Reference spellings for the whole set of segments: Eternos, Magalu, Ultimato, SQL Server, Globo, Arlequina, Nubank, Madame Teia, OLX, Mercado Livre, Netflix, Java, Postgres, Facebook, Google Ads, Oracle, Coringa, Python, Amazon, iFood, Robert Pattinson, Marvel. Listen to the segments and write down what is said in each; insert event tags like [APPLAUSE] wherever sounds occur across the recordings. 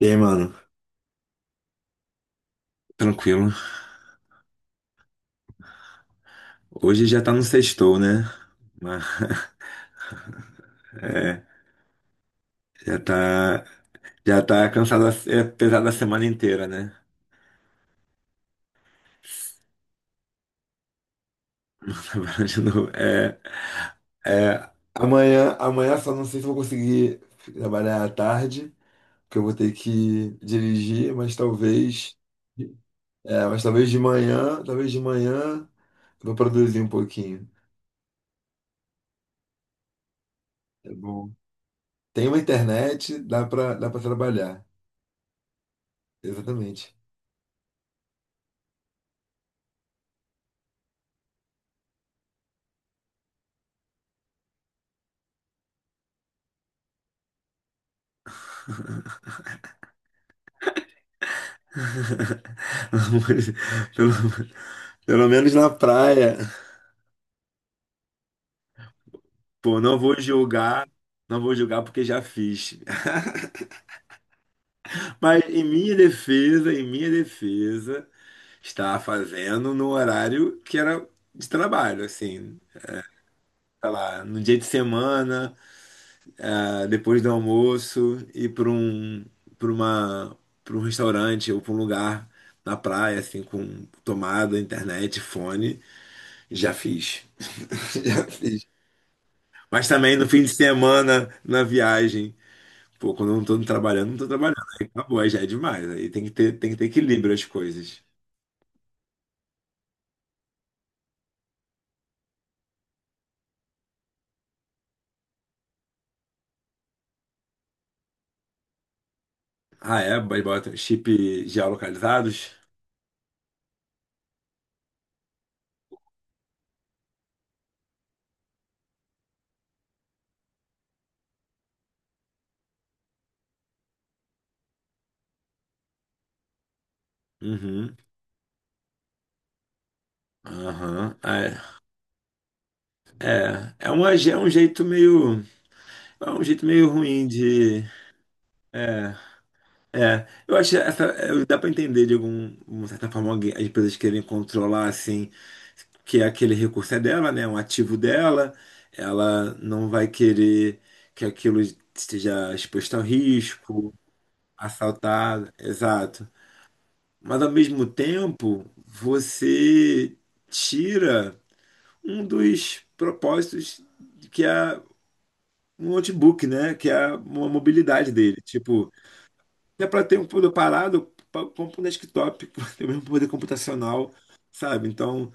E aí, mano? Tranquilo. Hoje já tá no sextou, né? Mas, [LAUGHS] é, já tá, já tá cansado é pesada a semana inteira, né? [LAUGHS] Trabalhando de novo. É, amanhã só não sei se vou conseguir trabalhar à tarde, porque eu vou ter que dirigir, mas talvez de manhã, eu vou produzir um pouquinho. É bom. Tem uma internet, dá pra trabalhar. Exatamente. [LAUGHS] Pelo menos na praia. Pô, não vou julgar, não vou julgar porque já fiz. [LAUGHS] Mas em minha defesa, estava fazendo no horário que era de trabalho, assim, sei lá, no dia de semana, ah, depois do almoço, ir para um, para uma, para um restaurante ou para um lugar na praia, assim, com tomada, internet, fone, já fiz. [LAUGHS] Já fiz. Mas também no fim de semana, na viagem. Pô, quando eu não tô trabalhando, não tô trabalhando. Aí acabou, aí já é demais. Aí tem que ter equilíbrio as coisas. Ah, é? Mas bota chip geolocalizados? Uhum. Aham. Ah, é um jeito meio. É um jeito meio ruim de. É. É, eu acho dá para entender de algum, de certa forma as empresas querem controlar assim que é aquele recurso é dela, né, um ativo dela, ela não vai querer que aquilo esteja exposto ao risco, assaltado, exato. Mas ao mesmo tempo, você tira um dos propósitos que é um notebook, né, que é a mobilidade dele, tipo é para ter um computador parado, compra um desktop, [LAUGHS] para ter o mesmo poder computacional, sabe? Então,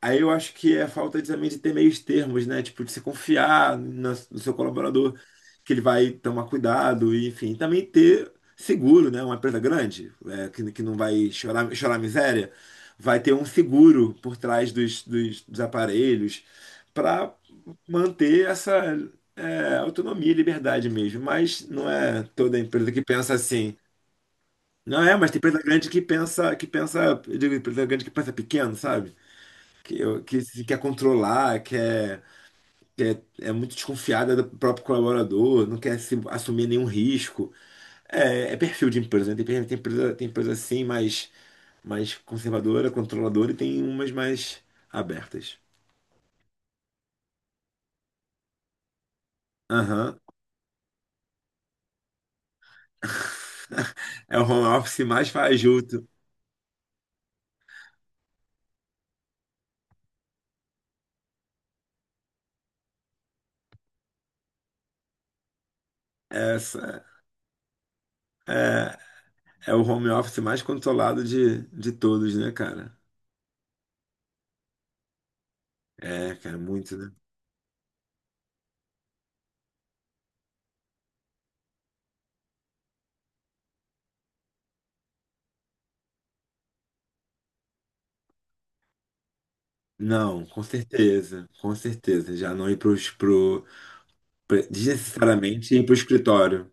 aí eu acho que é a falta de, também de ter meios termos, né? Tipo, de se confiar no seu colaborador, que ele vai tomar cuidado, e, enfim. Também ter seguro, né? Uma empresa grande, que não vai chorar miséria, vai ter um seguro por trás dos aparelhos para manter essa autonomia e liberdade mesmo. Mas não é toda empresa que pensa assim. Não é, mas tem empresa grande que pensa, eu digo, empresa grande que pensa pequeno, sabe? Que, que se quer controlar, quer, é muito desconfiada do próprio colaborador, não quer se assumir nenhum risco. É, é perfil de empresa, né? Tem empresa assim mais, conservadora, controladora, e tem umas mais abertas. Aham. [LAUGHS] É o home office mais fajuto. Essa é, é o home office mais controlado de todos, né, cara? É, cara, muito, né? Não, com certeza, com certeza. Já não ir para os desnecessariamente ir para o escritório.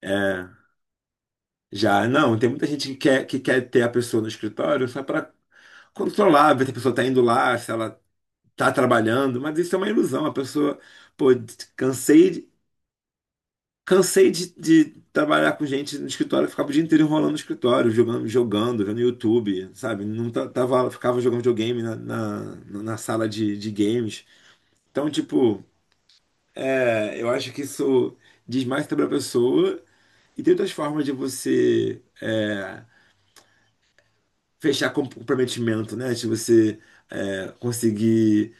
É, já, não, tem muita gente que quer, ter a pessoa no escritório só para controlar, ver se a pessoa está indo lá, se ela está trabalhando, mas isso é uma ilusão. A pessoa, pô, cansei, cansei de trabalhar com gente no escritório. Eu ficava o dia inteiro enrolando no escritório, jogando, jogando, vendo YouTube, sabe? Não tava, ficava jogando videogame na sala de games. Então, tipo, eu acho que isso diz mais sobre a pessoa. E tem outras formas de você é, fechar comprometimento, né? De você conseguir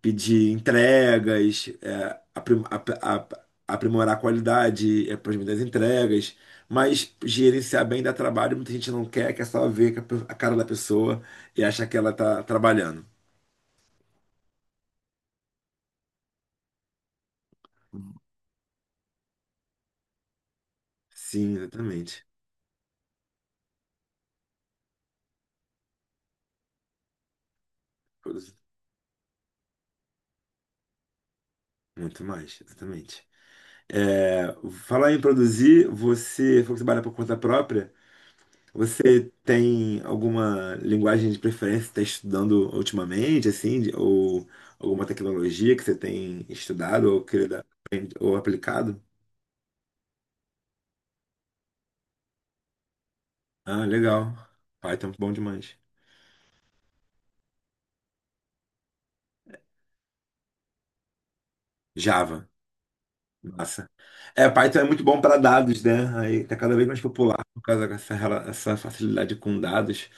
pedir entregas, aprimorar a qualidade, é, por exemplo, das entregas, mas gerenciar bem dá trabalho. Muita gente não quer, só ver a cara da pessoa e achar que ela tá trabalhando. Sim, exatamente. Produzir Muito mais, exatamente. É, falar em produzir, você falou que trabalha por conta própria. Você tem alguma linguagem de preferência que está estudando ultimamente, assim, ou alguma tecnologia que você tem estudado ou querido, ou aplicado? Ah, legal. Python é bom demais. Java, massa. É, Python é muito bom para dados, né? Aí tá cada vez mais popular por causa essa facilidade com dados.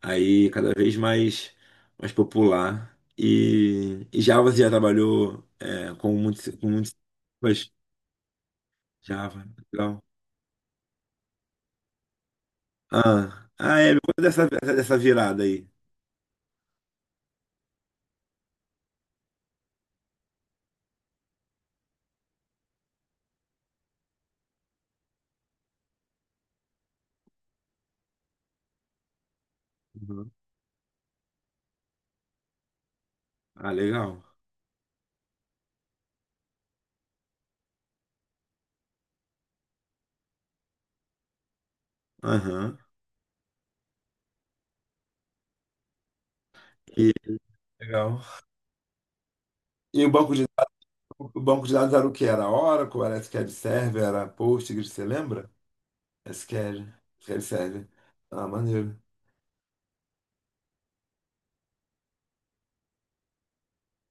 Aí cada vez mais popular. E, Java você já trabalhou com muitos mas Java, legal. Ah, me conta dessa virada aí. Uhum. Ah, legal. Aham. E, legal. E o o banco de dados era o que? Era Oracle, era SQL Server, era Postgres, você lembra? SQL, SQL Server. Ah, maneiro.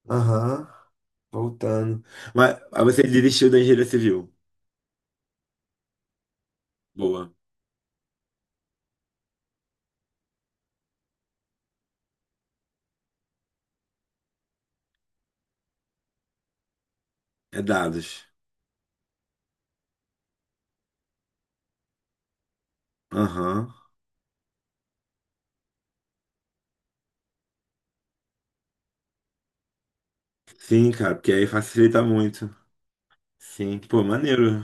Aham, voltando. Mas aí você desistiu da engenharia civil. Boa. É dados. Aham. Sim, cara, porque aí facilita muito. Sim, pô, maneiro.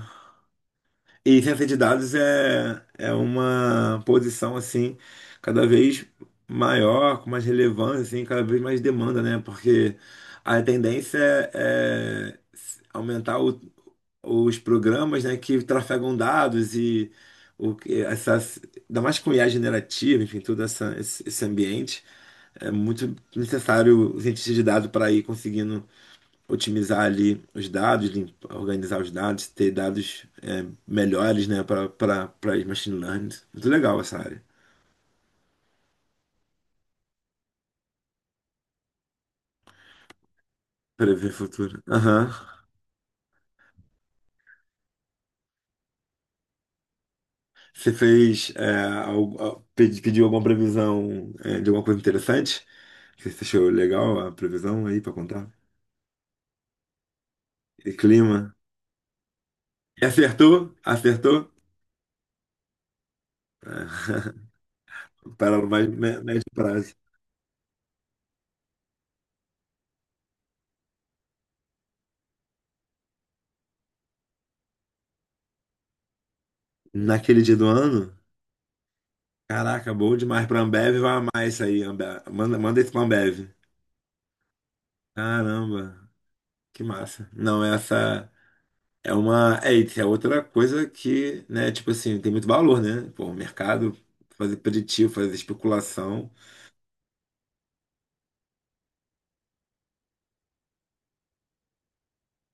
E [LAUGHS] ciência de dados é uma posição assim cada vez maior, com mais relevância, assim, cada vez mais demanda, né? Porque a tendência é aumentar os programas, né, que trafegam dados e o que essas, ainda mais com IA generativa, enfim, esse ambiente é muito necessário o cientista de dados para ir conseguindo otimizar ali os dados, organizar os dados, ter dados melhores, né, para machine learning. Muito legal essa área. Prever futuro. Aham. Você fez pediu alguma previsão é, de alguma coisa interessante? Que você achou legal a previsão aí para contar? E clima. E acertou? Acertou? [LAUGHS] Para o mais médio prazo. Naquele dia do ano? Caraca, bom demais pra Ambev, vai amar isso aí, Ambev. Manda, manda isso pra Ambev. Caramba, que massa. Não, essa. É uma. É, e é outra coisa que, né, tipo assim, tem muito valor, né? Pô, o mercado fazer preditivo, fazer especulação.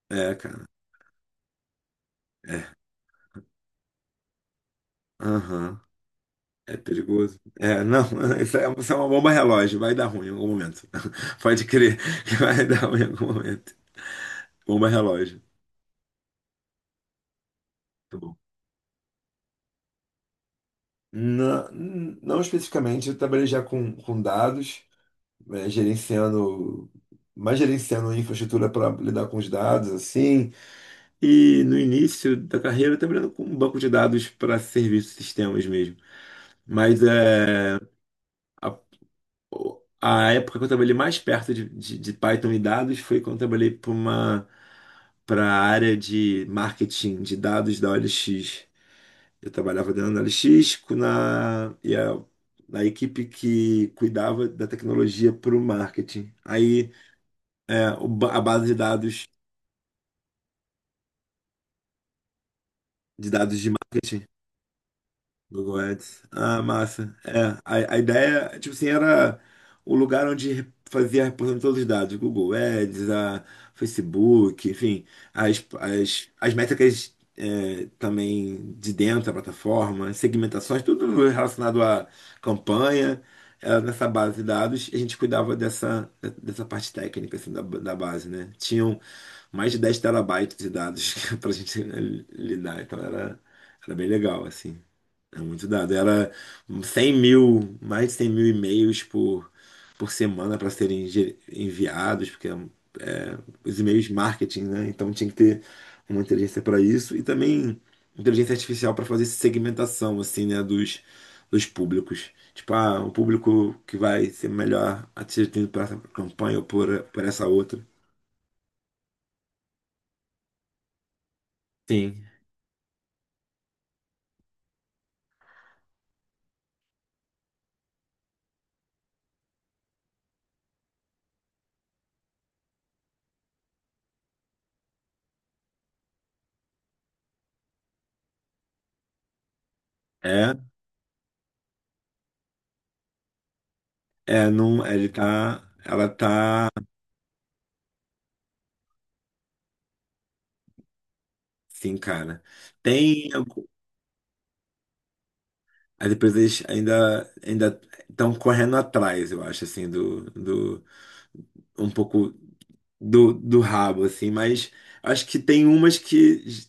É, cara. É. Aham. É perigoso. É, não, [LAUGHS] isso é uma bomba relógio, vai dar ruim em algum momento. [LAUGHS] Pode crer que vai [LAUGHS] dar ruim em algum momento. Bomba relógio. Tá bom. Não, não especificamente, eu trabalhei já com dados, né, gerenciando, mais gerenciando infraestrutura para lidar com os dados, assim. E no início da carreira eu trabalhando com um banco de dados para serviços e sistemas mesmo. Mas a, a época que eu trabalhei mais perto de Python e dados foi quando eu trabalhei para uma para a área de marketing de dados da OLX. Eu trabalhava dentro da OLX na equipe que cuidava da tecnologia para o marketing. Aí a base de dados de dados de marketing Google Ads. Ah, massa. É, a ideia, tipo assim, era o lugar onde fazia a reposição de todos os dados. Google Ads, a Facebook, enfim, as métricas também de dentro da plataforma, segmentações, tudo relacionado à campanha, era nessa base de dados. E a gente cuidava dessa parte técnica, assim, da base, né? Tinham mais de 10 terabytes de dados [LAUGHS] pra gente lidar, então era bem legal, assim. É muito dado. Era 100 mil, mais de 100 mil e-mails por semana para serem enviados, porque é, os e-mails marketing, né? Então tinha que ter uma inteligência para isso e também inteligência artificial para fazer segmentação, assim, né? Dos públicos. Tipo, ah, o público que vai ser melhor atingido por essa campanha ou por essa outra. Sim. É, é, não, ele tá, ela tá, sim, cara. Tem Aí depois eles ainda estão correndo atrás, eu acho, assim, do um pouco do rabo, assim, mas acho que tem umas que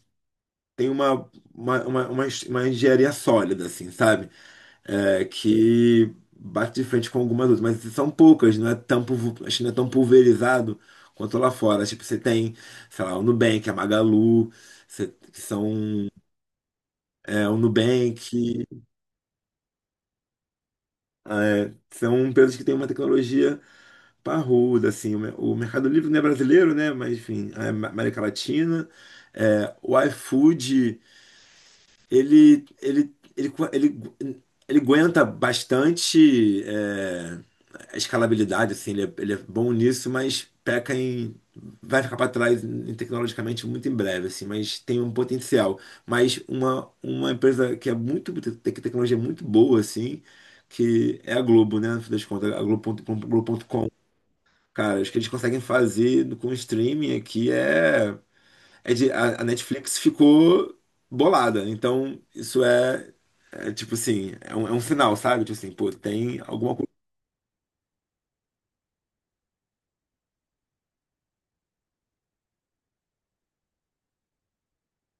tem uma uma engenharia sólida, assim, sabe? É, que bate de frente com algumas outras, mas são poucas, não é tão, acho que não é tão pulverizado quanto lá fora. Tipo, você tem, sei lá, o Nubank, a Magalu, que são o Nubank, são empresas que têm uma tecnologia Parrudo, assim, o Mercado Livre não é brasileiro, né? Mas enfim, é América Latina. É, o iFood, ele, ele, ele, co- ele, ele aguenta bastante a escalabilidade, assim, ele é bom nisso, mas peca em. Vai ficar para trás tecnologicamente muito em breve, assim, mas tem um potencial. Mas uma empresa que é muito, que a tecnologia é muito boa, assim, que é a Globo, né? No fim das contas, a Globo.com. Cara, acho que eles conseguem fazer com o streaming aqui é de, a Netflix ficou bolada. Então, isso é tipo assim, é um sinal, sabe? Tipo assim, pô, tem alguma coisa.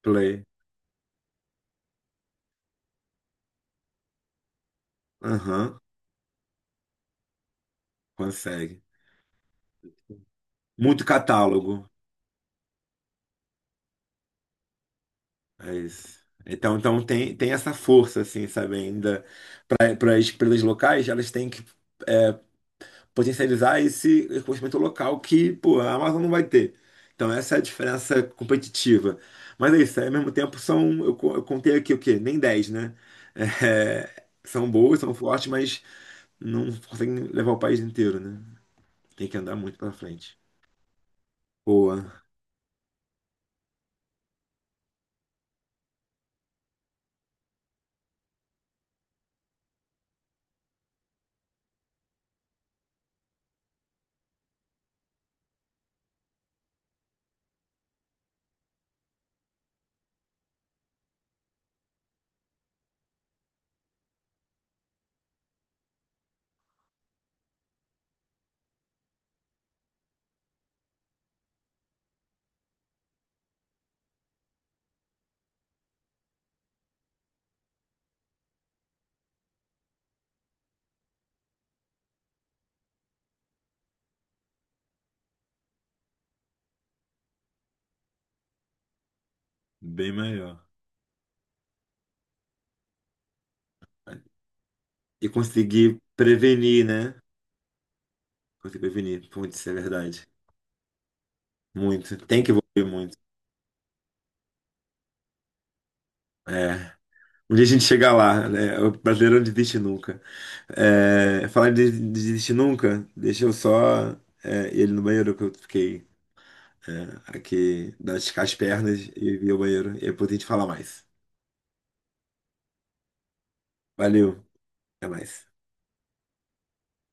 Play. Aham, consegue. Muito catálogo. É isso. Então, tem essa força, assim, sabe? Ainda para as empresas locais, elas têm que é, potencializar esse conhecimento local que, pô, a Amazon não vai ter. Então, essa é a diferença competitiva. Mas é isso, aí, ao mesmo tempo são, eu contei aqui o quê? Nem 10, né? [LAUGHS] É, são boas, são fortes, mas não conseguem levar o país inteiro, né? Tem que andar muito pra frente. Boa, bem melhor. E conseguir prevenir, né? Conseguir prevenir, putz, isso é verdade. Muito, tem que evoluir muito. É, um dia a gente chega lá, né? O brasileiro não desiste nunca. É, falar de desistir nunca, deixa eu só ele no banheiro, que eu fiquei aqui das as pernas e vi o banheiro. E depois a gente fala mais. Valeu, até mais.